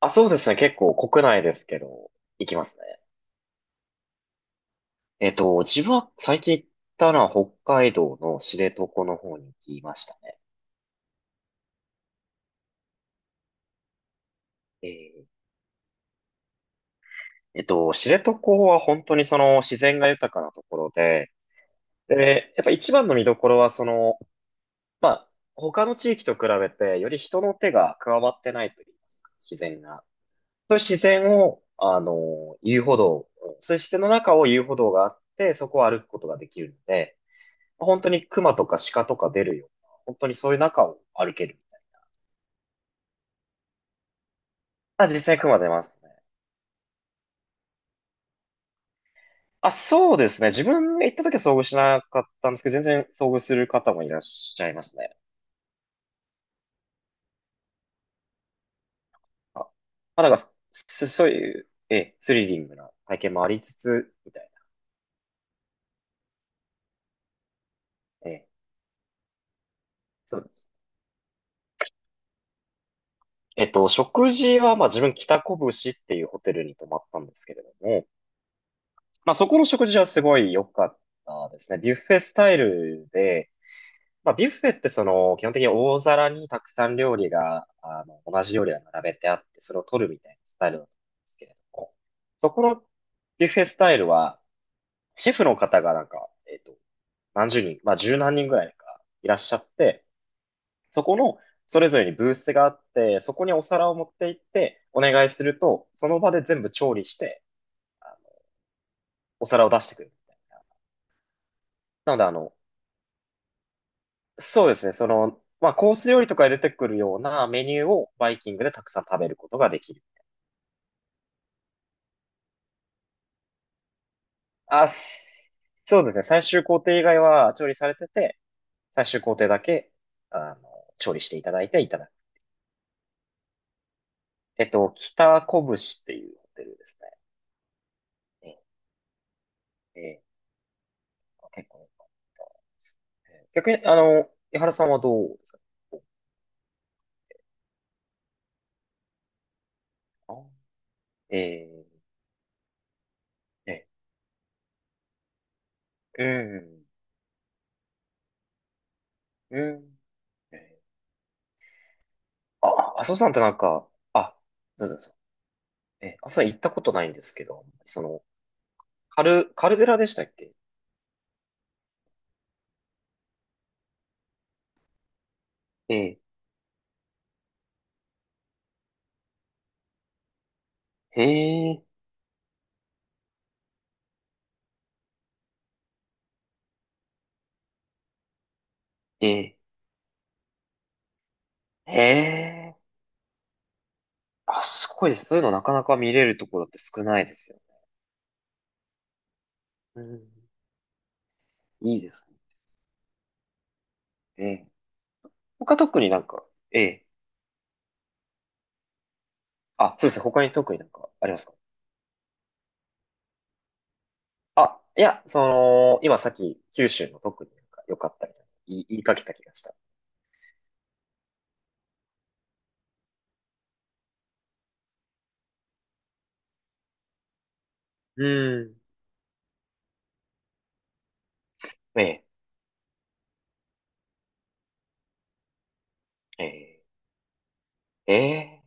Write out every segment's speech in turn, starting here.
あ、そうですね。結構国内ですけど、行きますね。自分は最近行ったのは北海道の知床の方に行きましたね。えー知床は本当にその自然が豊かなところで、で、やっぱ一番の見どころはその、まあ、他の地域と比べてより人の手が加わってないといいますか、自然が。そういう自然を、遊歩道、そういう自然の中を遊歩道があって、そこを歩くことができるので、本当に熊とか鹿とか出るような、本当にそういう中を歩ける。あ、実際に熊出ますね。あ、そうですね。自分が行った時は遭遇しなかったんですけど、全然遭遇する方もいらっしゃいますね。あ、まあ、なんか、すそういう、ええ、スリリングな体験もありつつ、みたいな。ええ、そうです。食事は、まあ自分、北拳っていうホテルに泊まったんですけれども、まあそこの食事はすごい良かったですね。ビュッフェスタイルで、まあ、ビュッフェってその、基本的に大皿にたくさん料理が、同じ料理が並べてあって、それを取るみたいなスタイルだと思うんですけれども、そこのビュッフェスタイルは、シェフの方がなんか、何十人、まあ、十何人ぐらいかいらっしゃって、そこの、それぞれにブースがあって、そこにお皿を持って行って、お願いすると、その場で全部調理して、あの、お皿を出してくれるみたいな。なので、そうですね。その、まあ、コース料理とかで出てくるようなメニューをバイキングでたくさん食べることができる。あ、すそうですね。最終工程以外は調理されてて、最終工程だけ、あの、調理していただいていただく。北こぶしっていうホテルですね。ええ、ええ結構良かったええ逆に、井原さんはどうですか？あええ、ええ、うん、うん。ええあ、麻生さんってなんか、あ、どうぞどうぞ。ええ、麻生さん行ったことないんですけど、その、カルデラでしたっけ？ええ、へえ、ええ、へえ。あ、すごいです。そういうのなかなか見れるところって少ないですよね。うん。いいですね。ええ。他特になんか、ええ。あ、そうですね。他に特になんかありますか？あ、いや、その、今さっき九州の特になんか良かったみたいな言いかけた気がした。うん。ええ、ええ、ええ、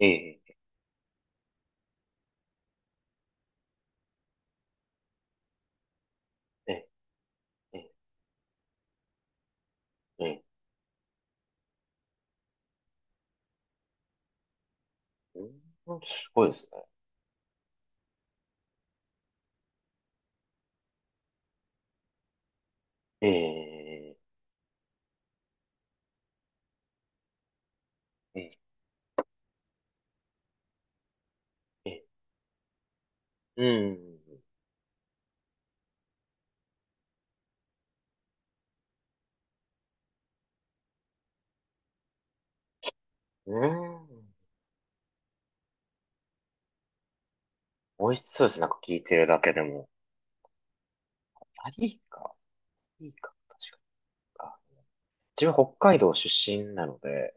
ええ、ええ、ええ、ええうんすごいですね。ええ、ええ、ええ、うん。うーん。美味しそうです。なんか聞いてるだけでも。あ、いいか。いいか。確かに。あ、自分北海道出身なので、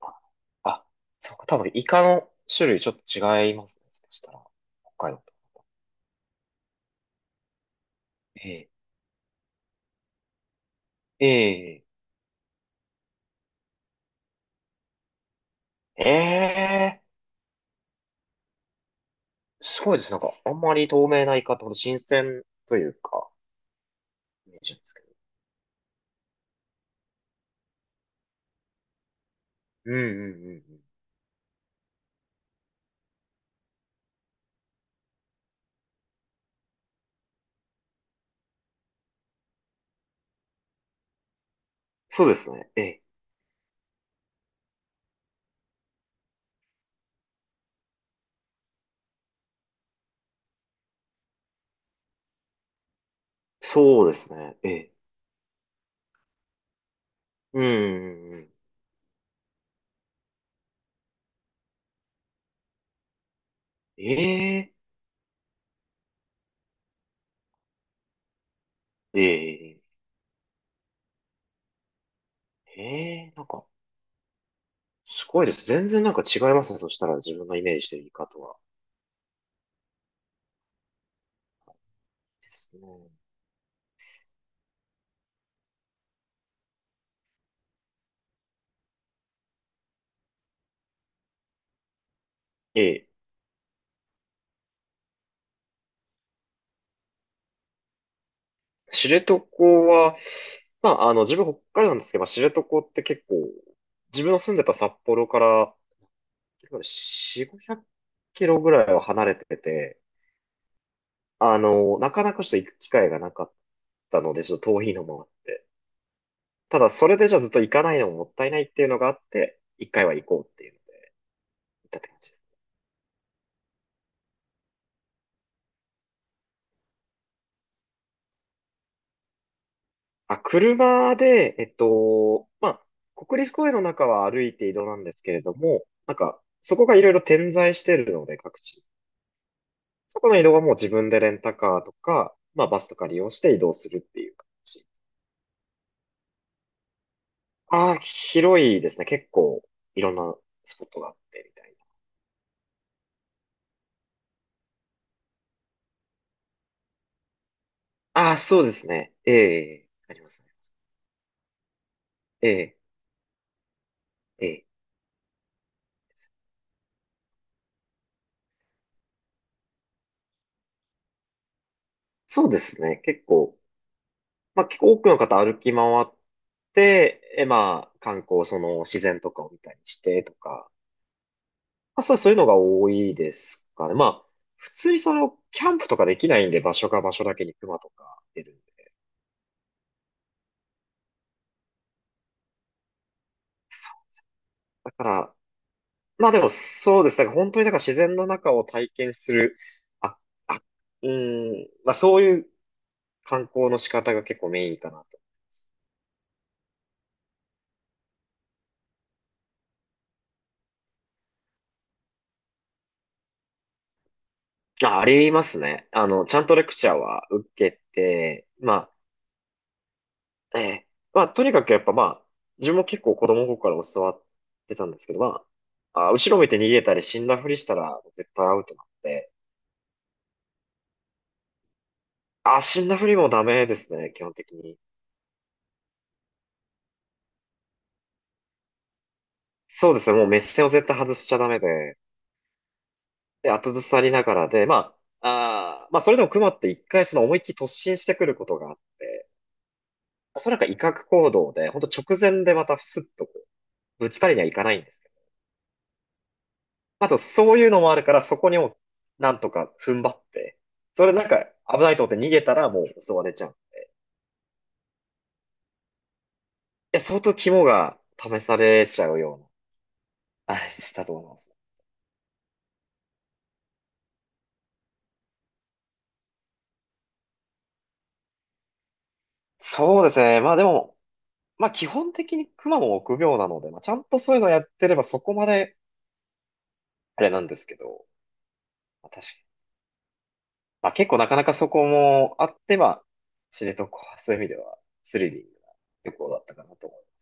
あ、あ、そうか。多分イカの種類ちょっと違いますね。そしたら。北海道と。ええ。ええ。ええ。すごいです。なんか、あんまり透明なイカってほど新鮮というか、イメージなんですけど。うんうんうんうん。そうですね。ええ。そうですね。ええ。うんうんうん。ええ。ええ。ええ、なんか、すごいです。全然なんか違いますね。そしたら自分がイメージしてるイカとは。ですね。ええ。知床は、まあ、自分北海道なんですけど、まあ知床って結構、自分の住んでた札幌から4、500キロぐらいは離れてて、なかなかちょっと行く機会がなかったので、ちょっと遠いのもあって。ただ、それでじゃあずっと行かないのももったいないっていうのがあって、一回は行こうっていうので、行ったって感じ。あ、車で、まあ、国立公園の中は歩いて移動なんですけれども、なんか、そこがいろいろ点在してるので、各地。そこの移動はもう自分でレンタカーとか、まあ、バスとか利用して移動するっていう感じ。ああ、広いですね。結構、いろんなスポットがあってみたいな。ああ、そうですね。ええ、ありますね。ええ、ええ。そうですね。結構、まあ、結構多くの方歩き回って、え、まあ、観光、その自然とかを見たりしてとか、そういうのが多いですかね。まあ、普通にその、キャンプとかできないんで、場所が場所だけに熊とか出るんで。だから、まあでもそうです。だから本当にだから自然の中を体験する、あ、あ、まあそういう観光の仕方が結構メインかなと。あ、ありますね。あの、ちゃんとレクチャーは受けて、まあ、ええ、まあとにかくやっぱまあ、自分も結構子供の頃から教わってたんですけど、まあ、あ、後ろ見て逃げたり死んだふりしたら絶対アウトなんで、あ、死んだふりもダメですね、基本的に。そうですね、もう目線を絶対外しちゃダメで、で、後ずさりながらで、まあ、あーまあ、それでも熊って一回その思いっきり突進してくることがあって、それなんか威嚇行動で、ほんと直前でまたスッとこう、ぶつかりにはいかないんですけど。まあと、そういうのもあるから、そこにも、なんとか踏ん張って、それでなんか危ないと思って逃げたらもう襲われちゃう。いや、相当肝が試されちゃうような、あれだと思います。そうですね。まあでも、まあ基本的にクマも臆病なので、まあちゃんとそういうのやってればそこまであれなんですけど、まあ確かに。まあ結構なかなかそこもあって、まあ知床はそういう意味ではスリリングな旅行だったかなと思います。